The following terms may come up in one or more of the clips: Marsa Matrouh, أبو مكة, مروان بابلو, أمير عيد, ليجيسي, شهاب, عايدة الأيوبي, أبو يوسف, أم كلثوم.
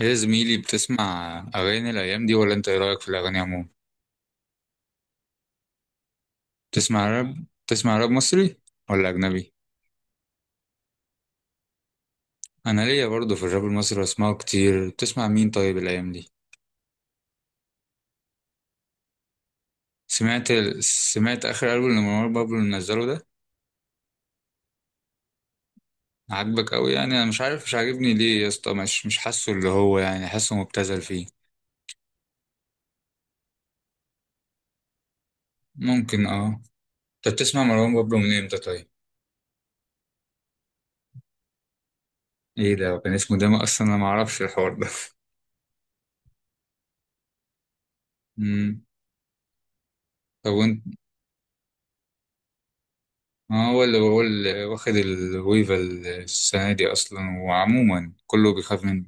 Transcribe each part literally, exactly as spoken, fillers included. ايه يا زميلي، بتسمع أغاني الأيام دي ولا أنت إيه رأيك في الأغاني عموما؟ بتسمع راب؟ بتسمع راب مصري ولا أجنبي؟ أنا ليا برضه في الراب المصري بسمعه كتير، بتسمع مين طيب الأيام دي؟ سمعت ال... سمعت آخر ألبوم لمروان بابلو اللي نزله ده؟ عاجبك أوي؟ يعني أنا مش عارف مش عاجبني ليه يا اسطى، مش مش حاسه. اللي هو يعني حاسه مبتذل فيه. ممكن اه. أنت بتسمع مروان بابلو من إمتى طيب؟ إيه، ده كان اسمه ده أصلا؟ أنا معرفش الحوار ده مم. طب وأنت؟ ما هو اللي بقول، واخد الويفا السنة دي أصلا، وعموما كله بيخاف منه.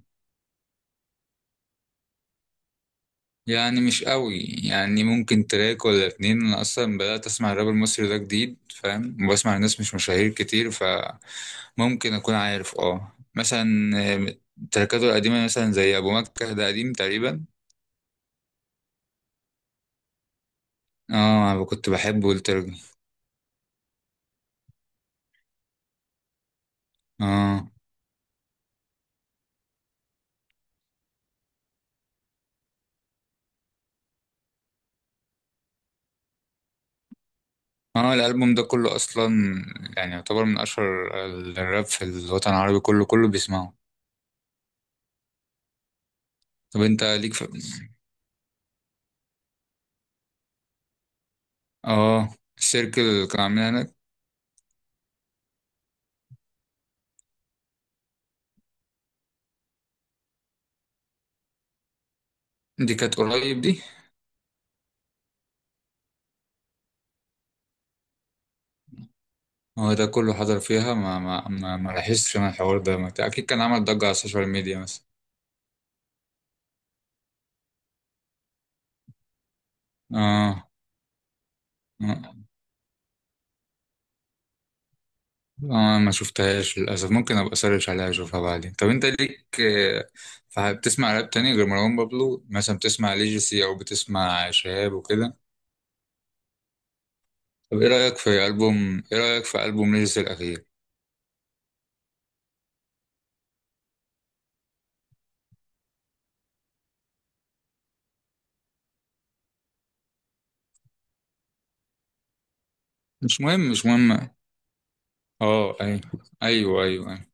يعني مش قوي، يعني ممكن تراك ولا اتنين. أنا أصلا بدأت أسمع الراب المصري ده جديد، فاهم، وبسمع ناس مش مشاهير كتير، فممكن أكون عارف اه مثلا. آه، تراكاته القديمة مثلا زي أبو مكة، ده قديم تقريبا. اه أنا كنت بحبه الترجي. اه اه، الألبوم ده كله أصلا يعني يعتبر من أشهر الراب في الوطن العربي، كله كله بيسمعه. طب انت ليك في... اه الشركة اللي كان عاملها هناك، دي كانت قريب دي. هو ده كله حضر فيها؟ ما ما ما, ما لاحظتش انا الحوار ده. ما- اكيد كان عمل ضجة على السوشيال ميديا مثلا. اه اه، آه، ما شفتهاش للأسف، ممكن أبقى أسرش عليها أشوفها بعدين. طب أنت ليك آه، فه- بتسمع راب تاني غير مروان بابلو؟ مثلا بتسمع ليجيسي أو بتسمع شهاب وكده؟ طب إيه رأيك في ألبوم، إيه رأيك في ألبوم ليجيسي الأخير؟ مش مهم مش مهم. اه أيوه، أيوه أيوه.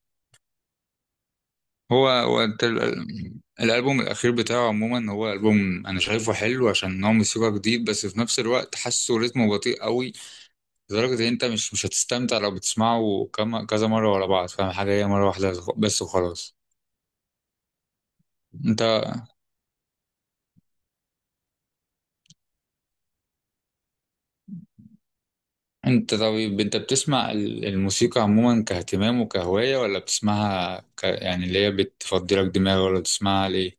هو هو انت ال- ال- الالبوم الاخير بتاعه عموما، هو البوم انا شايفه حلو عشان هو موسيقى جديد، بس في نفس الوقت حاسه رتمه بطيء قوي، لدرجه ان انت مش مش هتستمتع لو بتسمعه كم كذا مره ورا بعض. فاهم حاجه؟ هي مره واحده بس وخلاص. انت انت طيب، انت بتسمع ال- الموسيقى عموما كاهتمام وكهوايه، ولا بتسمعها ك... يعني اللي هي بتفضي لك دماغ؟ ولا بتسمعها ليه؟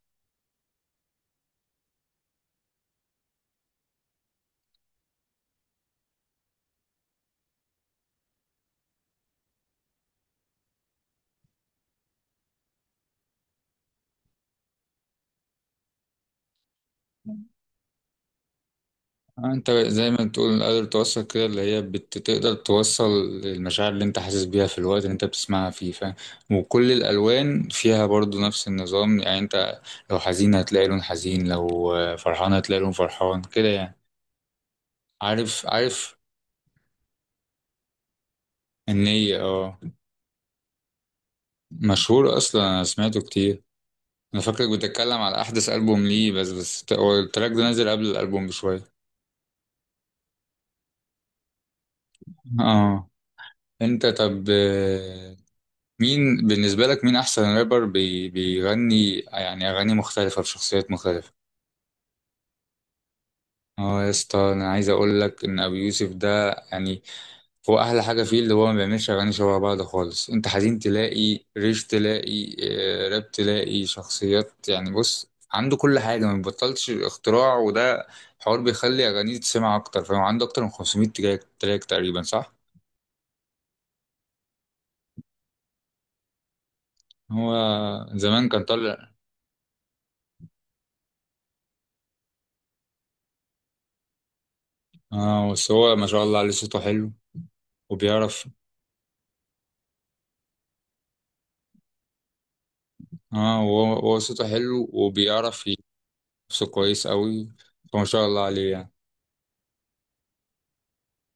آه، انت زي ما تقول قادر توصل كده، اللي هي بتقدر توصل المشاعر اللي انت حاسس بيها في الوقت اللي انت بتسمعها فيه، فاهم. وكل الالوان فيها برضو نفس النظام، يعني انت لو حزين هتلاقي لون حزين، لو آه، فرحان هتلاقي لون فرحان، كده يعني. عارف عارف، النية، اه. مشهور اصلا، انا سمعته كتير. انا فاكرك بتتكلم على احدث ألبوم ليه، بس بس هو التراك ده نازل قبل الألبوم بشوية. اه انت طب، مين بالنسبة لك مين أحسن رابر بي بيغني يعني أغاني مختلفة بشخصيات مختلفة؟ اه يا اسطى، أنا عايز أقول لك إن أبي يوسف ده يعني هو أحلى حاجة فيه اللي هو ما بيعملش أغاني شبه بعض خالص. أنت حزين تلاقي ريش، تلاقي آه، راب، تلاقي شخصيات، يعني بص عنده كل حاجة، ما بيبطلش اختراع. وده حوار بيخلي أغانيه تسمع أكتر. فهو عنده أكتر من خمسمية تراك تراك تقريبا، صح؟ هو زمان كان طالع. اه بس هو ما شاء الله عليه صوته حلو وبيعرف. اه هو هو صوته حلو وبيعرف يرقص كويس قوي، فما شاء الله عليه يعني.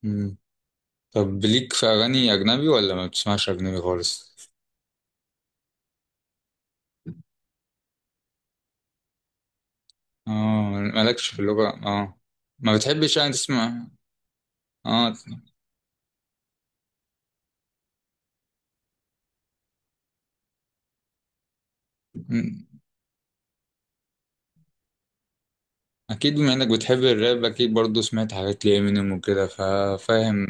مم. طب ليك في اغاني اجنبي ولا ما بتسمعش اجنبي خالص؟ اه، مالكش في اللغة؟ اه، ما بتحبش يعني تسمع؟ اه. مم. اكيد بما انك بتحب الراب اكيد برضو سمعت حاجات لإمينيم وكده، ففاهم.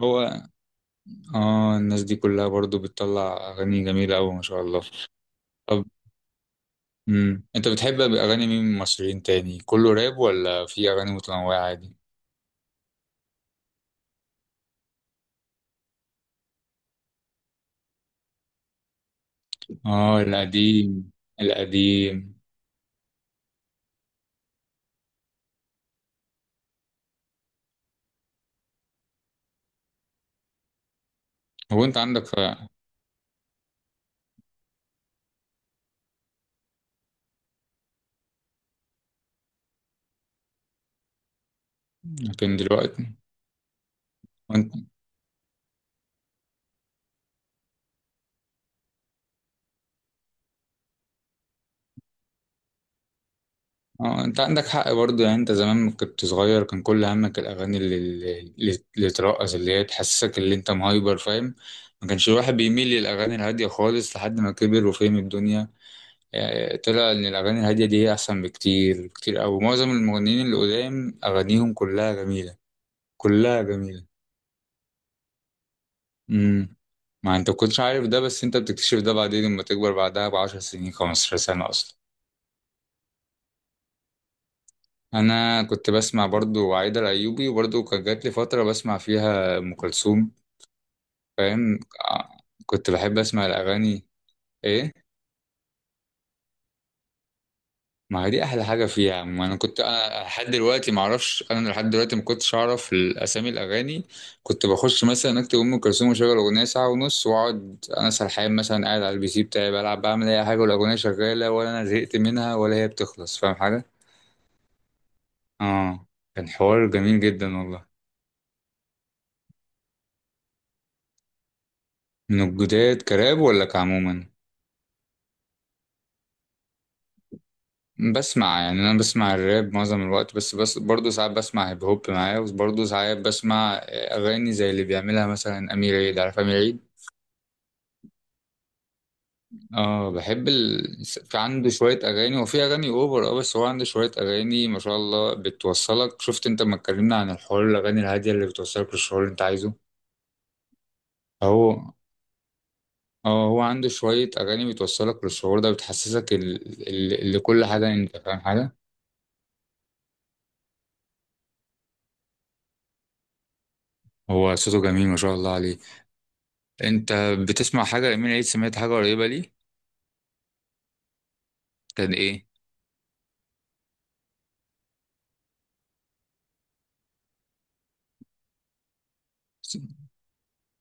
هو اه، الناس دي كلها برضو بتطلع اغاني جميلة قوي، ما شاء الله. طب مم، انت بتحب اغاني مين من المصريين تاني؟ كله راب ولا في اغاني متنوعة عادي؟ اه القديم، القديم. هو انت عندك حق. لكن دلوقتي، وانت. اه انت عندك حق برضه. يعني انت زمان كنت صغير، كان كل همك الاغاني اللي اللي, اللي ترقص، اللي هي تحسسك اللي انت مهايبر، فاهم. ما كانش الواحد بيميل للاغاني الهاديه خالص لحد ما كبر وفهم الدنيا. يعني طلع ان الاغاني الهاديه دي هي احسن بكتير، بكتير قوي. معظم المغنيين اللي قدام اغانيهم كلها جميله، كلها جميله. امم. ما انت كنتش عارف ده، بس انت بتكتشف ده بعدين لما تكبر بعدها بعشر سنين، خمستاشر سنة اصلا. انا كنت بسمع برضو عايدة الايوبي، وبرضو كان جات لي فترة بسمع فيها ام كلثوم، فاهم. ع- كنت بحب اسمع الاغاني. ايه، ما هي دي احلى حاجه فيها يا عم. انا كنت، انا لحد دلوقتي ما اعرفش، انا لحد دلوقتي ما كنتش اعرف اسامي الاغاني. كنت بخش مثلا اكتب ام كلثوم واشغل اغنيه ساعه ونص، واقعد انا سرحان مثلا، قاعد على البي سي بتاعي بلعب، بعمل اي حاجه، والاغنيه شغاله، ولا انا زهقت منها ولا هي بتخلص، فاهم حاجه. اه كان حوار جميل جدا والله. من الجداد كراب ولا كعموما؟ بسمع يعني، انا بسمع الراب معظم الوقت، بس بس برضه ساعات بسمع هيب هوب معايا، وبرضه ساعات بسمع اغاني زي اللي بيعملها مثلا امير عيد، عارف امير عيد. اه بحب ال... في عنده شوية أغاني، وفي أغاني أوفر اه، بس هو عنده شوية أغاني ما شاء الله بتوصلك. شفت أنت ما اتكلمنا عن الحوار الأغاني الهادية اللي بتوصلك للشعور اللي أنت عايزه. هو اه، هو عنده شوية أغاني بتوصلك للشعور ده، بتحسسك ال... ال... لكل حاجة، يعني أنت فاهم حاجة. هو صوته جميل ما شاء الله عليه. أنت بتسمع حاجة أمير عيد؟ سمعت حاجة قريبة ليه؟ كان إيه؟ س-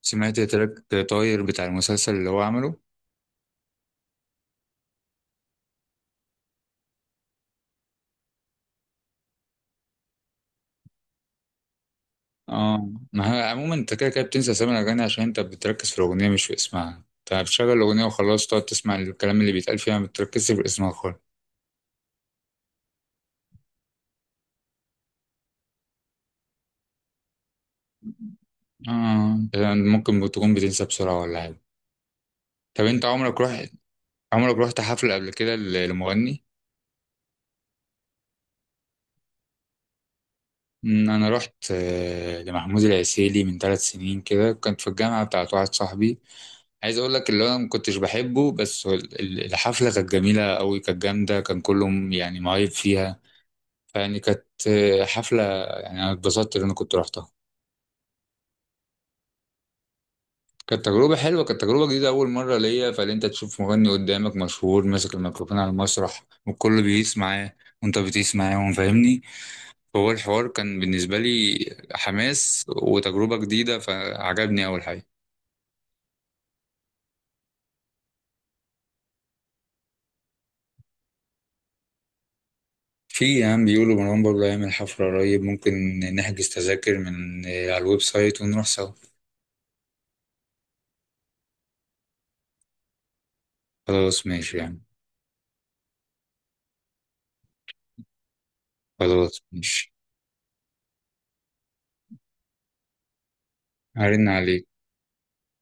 سمعت تراك طاير بتاع المسلسل اللي هو عمله؟ اه ما هي عموما انت كده كده بتنسى اسامي الاغاني، عشان انت بتركز في الاغنيه مش في اسمها. انت بتشغل الاغنيه وخلاص، تقعد تسمع الكلام اللي بيتقال فيها، ما بتركزش في اسمها خالص. اه يعني ممكن تكون بتنسى بسرعه ولا حاجه. طب انت عمرك رحت، عمرك رحت حفله قبل كده ل- لمغني؟ أمم، انا رحت آه، لمحمود العسيلي من ثلاث سنين كده، كنت في الجامعه بتاعت واحد صاحبي. عايز اقول لك اللي انا ما كنتش بحبه، بس هو ال- ال- الحفله كانت جميله قوي، كانت جامده، كان كلهم يعني مهيب فيها. فيعني كانت حفلة، يعني أنا اتبسطت إن أنا كنت رحتها. كانت تجربة حلوة، كانت تجربة جديدة أول مرة ليا، فإن أنت تشوف مغني قدامك مشهور ماسك الميكروفون على المسرح، والكل بيقيس معاه وأنت بتقيس معاهم، فاهمني. فهو الحوار كان بالنسبة لي حماس وتجربة جديدة، فعجبني أول حاجة. في يعني بيقولوا مروان بابلو هيعمل حفلة قريب، ممكن نحجز تذاكر من على الويب سايت ونروح سوا. خلاص ماشي يعني. خلاص ماشي، هرن عليك.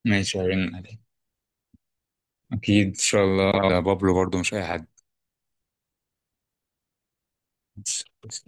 ماشي هرن عليك. أكيد إن شاء الله، ده بابلو برضه مش أي حد.